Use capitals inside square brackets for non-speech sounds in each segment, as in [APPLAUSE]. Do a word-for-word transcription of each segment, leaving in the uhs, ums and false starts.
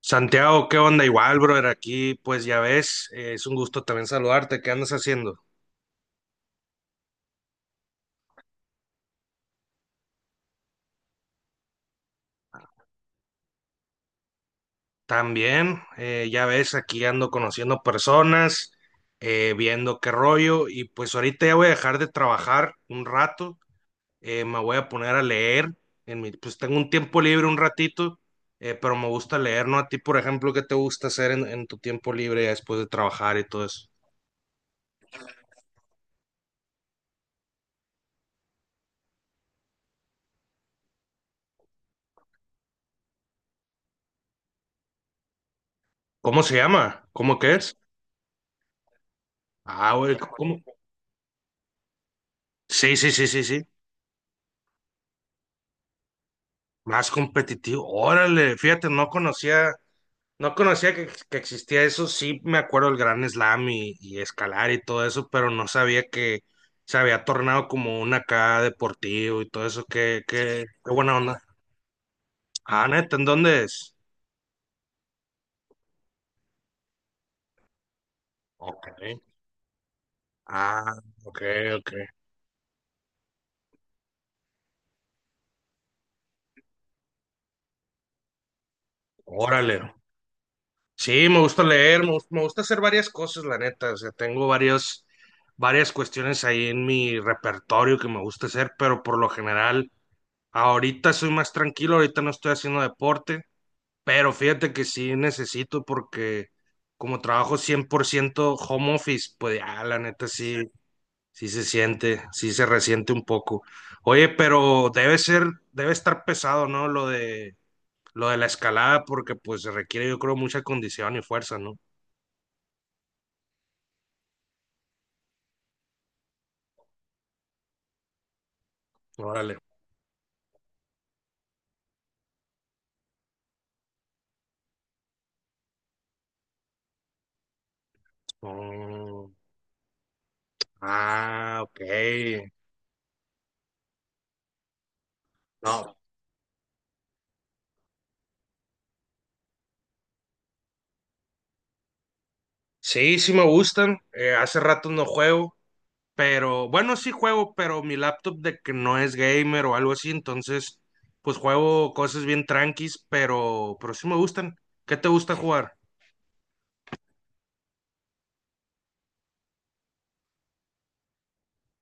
Santiago, ¿qué onda? Igual, brother, aquí pues ya ves, eh, es un gusto también saludarte. ¿Qué andas haciendo? También, eh, ya ves, aquí ando conociendo personas, eh, viendo qué rollo y pues ahorita ya voy a dejar de trabajar un rato, eh, me voy a poner a leer, en mi, pues tengo un tiempo libre un ratito, eh, pero me gusta leer, ¿no? A ti, por ejemplo, ¿qué te gusta hacer en, en tu tiempo libre ya después de trabajar y todo eso? ¿Cómo se llama? ¿Cómo que es? Ah, güey, ¿cómo? Sí, sí, sí, sí, sí. Más competitivo. Órale, fíjate, no conocía, no conocía que, que existía eso. Sí me acuerdo del Gran Slam y, y escalar y todo eso, pero no sabía que se había tornado como un acá deportivo y todo eso. Qué, qué, qué buena onda. Ah, neta, ¿en dónde es? Ok. Ah, ok, ok. Órale. Sí, me gusta leer, me, gus- me gusta hacer varias cosas, la neta. O sea, tengo varios, varias cuestiones ahí en mi repertorio que me gusta hacer, pero por lo general, ahorita soy más tranquilo, ahorita no estoy haciendo deporte, pero fíjate que sí necesito porque como trabajo cien por ciento home office, pues ya la neta sí, sí se siente, sí se resiente un poco. Oye, pero debe ser, debe estar pesado, ¿no? Lo de, lo de la escalada porque pues se requiere yo creo mucha condición y fuerza, ¿no? Órale. Oh, ah, ok. No. Sí, sí me gustan. Eh, hace rato no juego. Pero bueno, sí juego, pero mi laptop de que no es gamer o algo así, entonces pues juego cosas bien tranquis, pero, pero sí me gustan. ¿Qué te gusta jugar?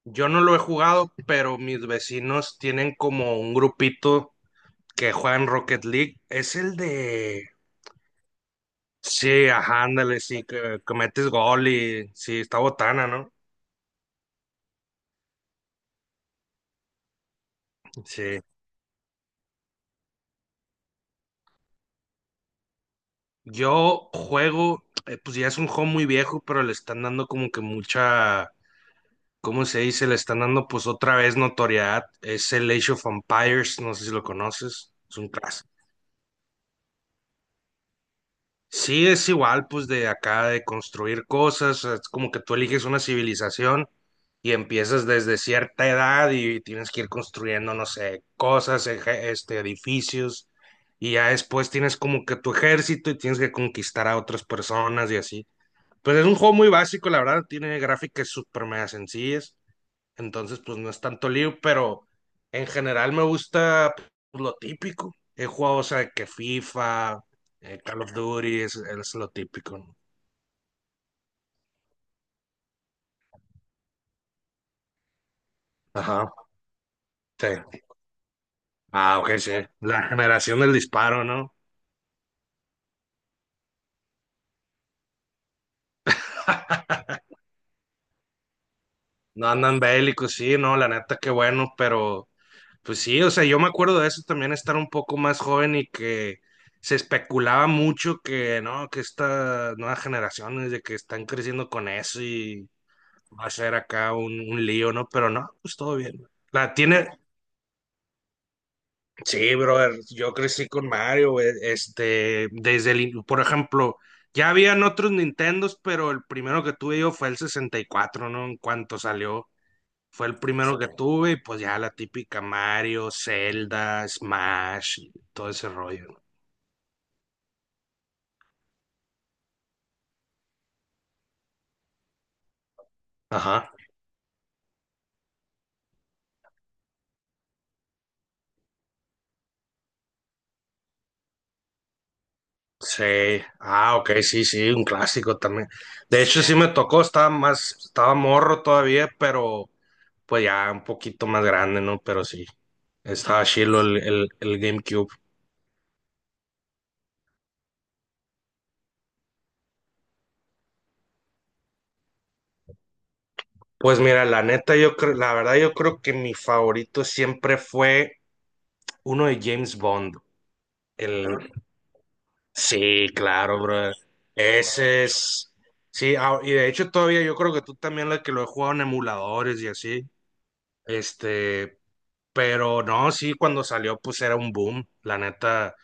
Yo no lo he jugado, pero mis vecinos tienen como un grupito que juegan Rocket League. Es el de... Sí, ajá, ándale, sí, que, que metes gol y sí, está botana, ¿no? Sí. Yo juego, eh, pues ya es un juego muy viejo, pero le están dando como que mucha ¿cómo se dice? Le están dando pues otra vez notoriedad. Es el Age of Empires, no sé si lo conoces, es un clásico. Sí, es igual pues de acá de construir cosas, es como que tú eliges una civilización y empiezas desde cierta edad y tienes que ir construyendo, no sé, cosas, eje- este, edificios y ya después tienes como que tu ejército y tienes que conquistar a otras personas y así. Pues es un juego muy básico, la verdad, tiene gráficas súper mega sencillas. Entonces, pues no es tanto lío, pero en general me gusta pues, lo típico. He jugado, o sea, que FIFA, eh, Call of Duty, es, es lo típico, ¿no? Ajá, sí. Ah, ok, sí. La generación del disparo, ¿no? [LAUGHS] No andan bélicos, sí, no, la neta, qué bueno, pero pues sí, o sea, yo me acuerdo de eso también, estar un poco más joven y que se especulaba mucho que, no, que estas nuevas generaciones, de que están creciendo con eso y va a ser acá un, un lío, ¿no? Pero no, pues todo bien. La tiene, sí, brother, yo crecí con Mario, güey, este, desde el, in- por ejemplo, ya habían otros Nintendos, pero el primero que tuve yo fue el sesenta y cuatro, ¿no? En cuanto salió, fue el primero que tuve y pues ya la típica Mario, Zelda, Smash, y todo ese rollo, ¿no? Ajá. Sí, ah, ok, sí, sí, un clásico también. De hecho, sí me tocó, estaba más, estaba morro todavía, pero pues ya un poquito más grande, ¿no? Pero sí, estaba chilo el, el, el GameCube. Pues mira, la neta, yo creo, la verdad, yo creo que mi favorito siempre fue uno de James Bond. El, sí, claro, bro. Ese es, sí, ah, y de hecho todavía yo creo que tú también la que lo he jugado en emuladores y así. Este, Pero no, sí, cuando salió, pues era un boom, la neta.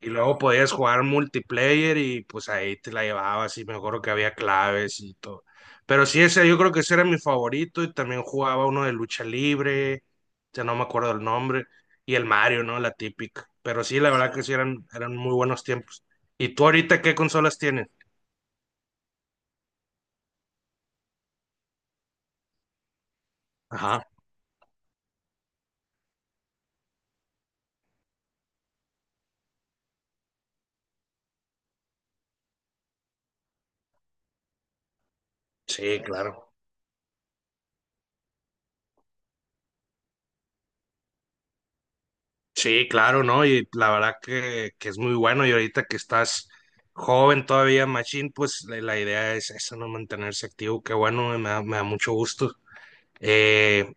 Y luego podías jugar multiplayer y pues ahí te la llevabas y me acuerdo que había claves y todo. Pero sí, ese yo creo que ese era mi favorito y también jugaba uno de lucha libre, ya no me acuerdo el nombre, y el Mario, ¿no? La típica. Pero sí, la verdad que sí eran, eran muy buenos tiempos. ¿Y tú ahorita qué consolas tienes? Ajá, sí, claro. Sí, claro, ¿no? Y la verdad que, que es muy bueno. Y ahorita que estás joven todavía, Machine, pues la, la idea es esa, ¿no? Mantenerse activo. Qué bueno, me da, me da mucho gusto. Eh,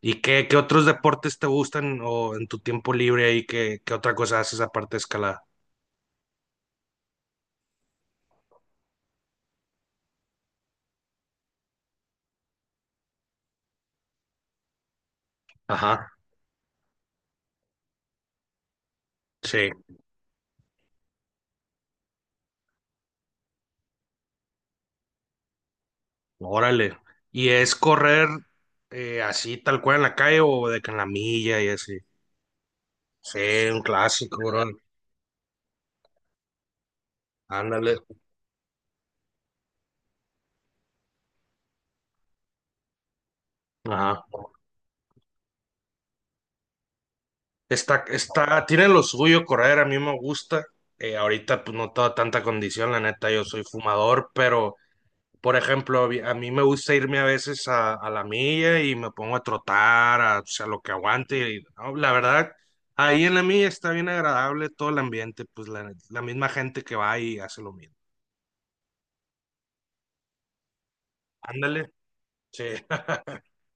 ¿Y qué, qué otros deportes te gustan o en tu tiempo libre y qué, qué otra cosa haces aparte de escalada? Ajá, sí, órale. ¿Y es correr eh, así tal cual en la calle o de que en la milla y así? Sí, un clásico, bro. Ándale. Ajá. Está, está, tiene lo suyo correr, a mí me gusta. Eh, ahorita pues no tengo tanta condición, la neta, yo soy fumador, pero por ejemplo, a mí a mí me gusta irme a veces a, a la milla y me pongo a trotar, a, o sea, lo que aguante. Y no, la verdad, ahí en la milla está bien agradable todo el ambiente, pues la, la misma gente que va y hace lo mismo. Ándale, sí, [LAUGHS]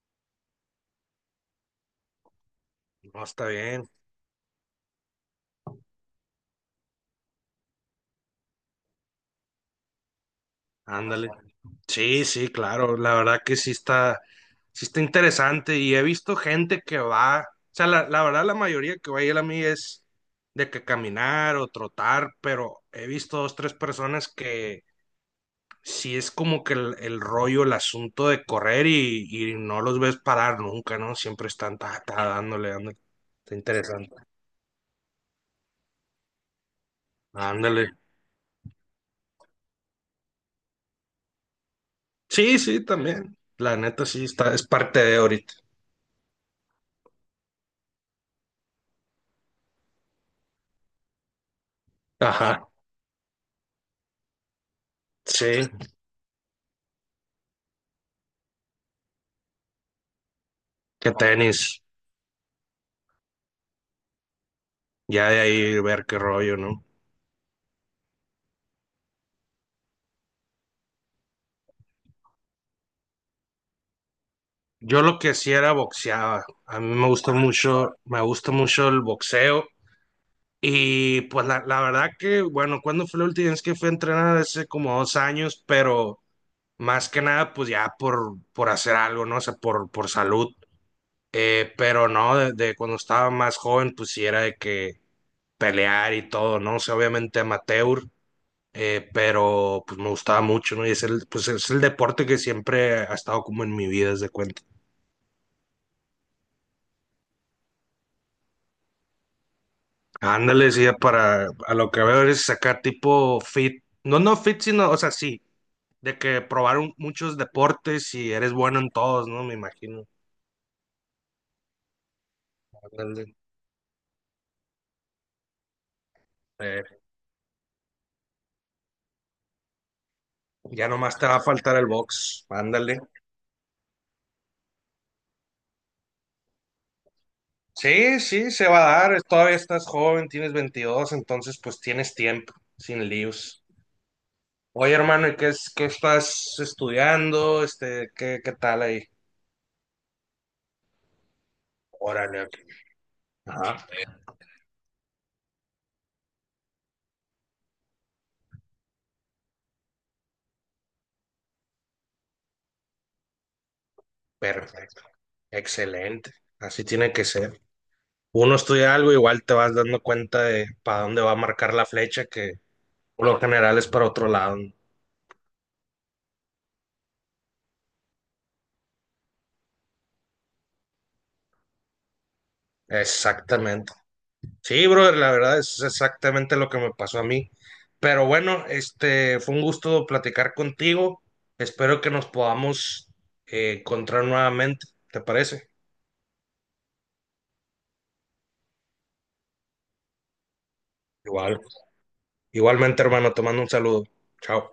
no está bien, ándale. Sí, sí, claro, la verdad que sí está, sí está, interesante y he visto gente que va, o sea, la, la verdad la mayoría que va a ir a mí es de que caminar o trotar, pero he visto dos, tres personas que sí es como que el, el rollo, el asunto de correr y, y no los ves parar nunca, ¿no? Siempre están ta, ta, dándole, dándole, está interesante, ándale. Sí, sí, también, la neta sí está, es parte de ahorita. Ajá, sí, que tenis. Ya de ahí ver qué rollo, ¿no? Yo lo que hacía era boxeaba. A mí me gusta mucho, me gusta mucho el boxeo. Y pues la, la verdad que, bueno, ¿cuando fue la última vez que fui a entrenar? Hace como dos años, pero más que nada, pues ya por, por hacer algo, ¿no? O sea, por, por salud. Eh, pero no, de, de cuando estaba más joven, pues sí era de que pelear y todo, ¿no? O sea, obviamente amateur. Eh, pero pues me gustaba mucho, ¿no? Y es el, pues es el deporte que siempre ha estado como en mi vida, haz de cuenta. Ándale, sí, para, a lo que veo es sacar tipo fit, no, no fit, sino, o sea, sí, de que probaron muchos deportes y eres bueno en todos, ¿no? Me imagino. Ándale. Eh, ya nomás te va a faltar el box, ándale. Sí, sí, se va a dar, todavía estás joven, tienes veintidós, entonces pues tienes tiempo, sin líos. Oye, hermano, ¿y qué es, qué estás estudiando? Este, ¿qué, qué tal ahí? Órale, ok. Ajá, perfecto. Excelente. Así tiene que ser. Uno estudia algo, igual te vas dando cuenta de para dónde va a marcar la flecha, que por lo general es para otro lado, ¿no? Exactamente. Sí, brother, la verdad es exactamente lo que me pasó a mí. Pero bueno, este, fue un gusto platicar contigo. Espero que nos podamos eh, encontrar nuevamente. ¿Te parece? Igual. Igualmente, hermano, te mando un saludo. Chao.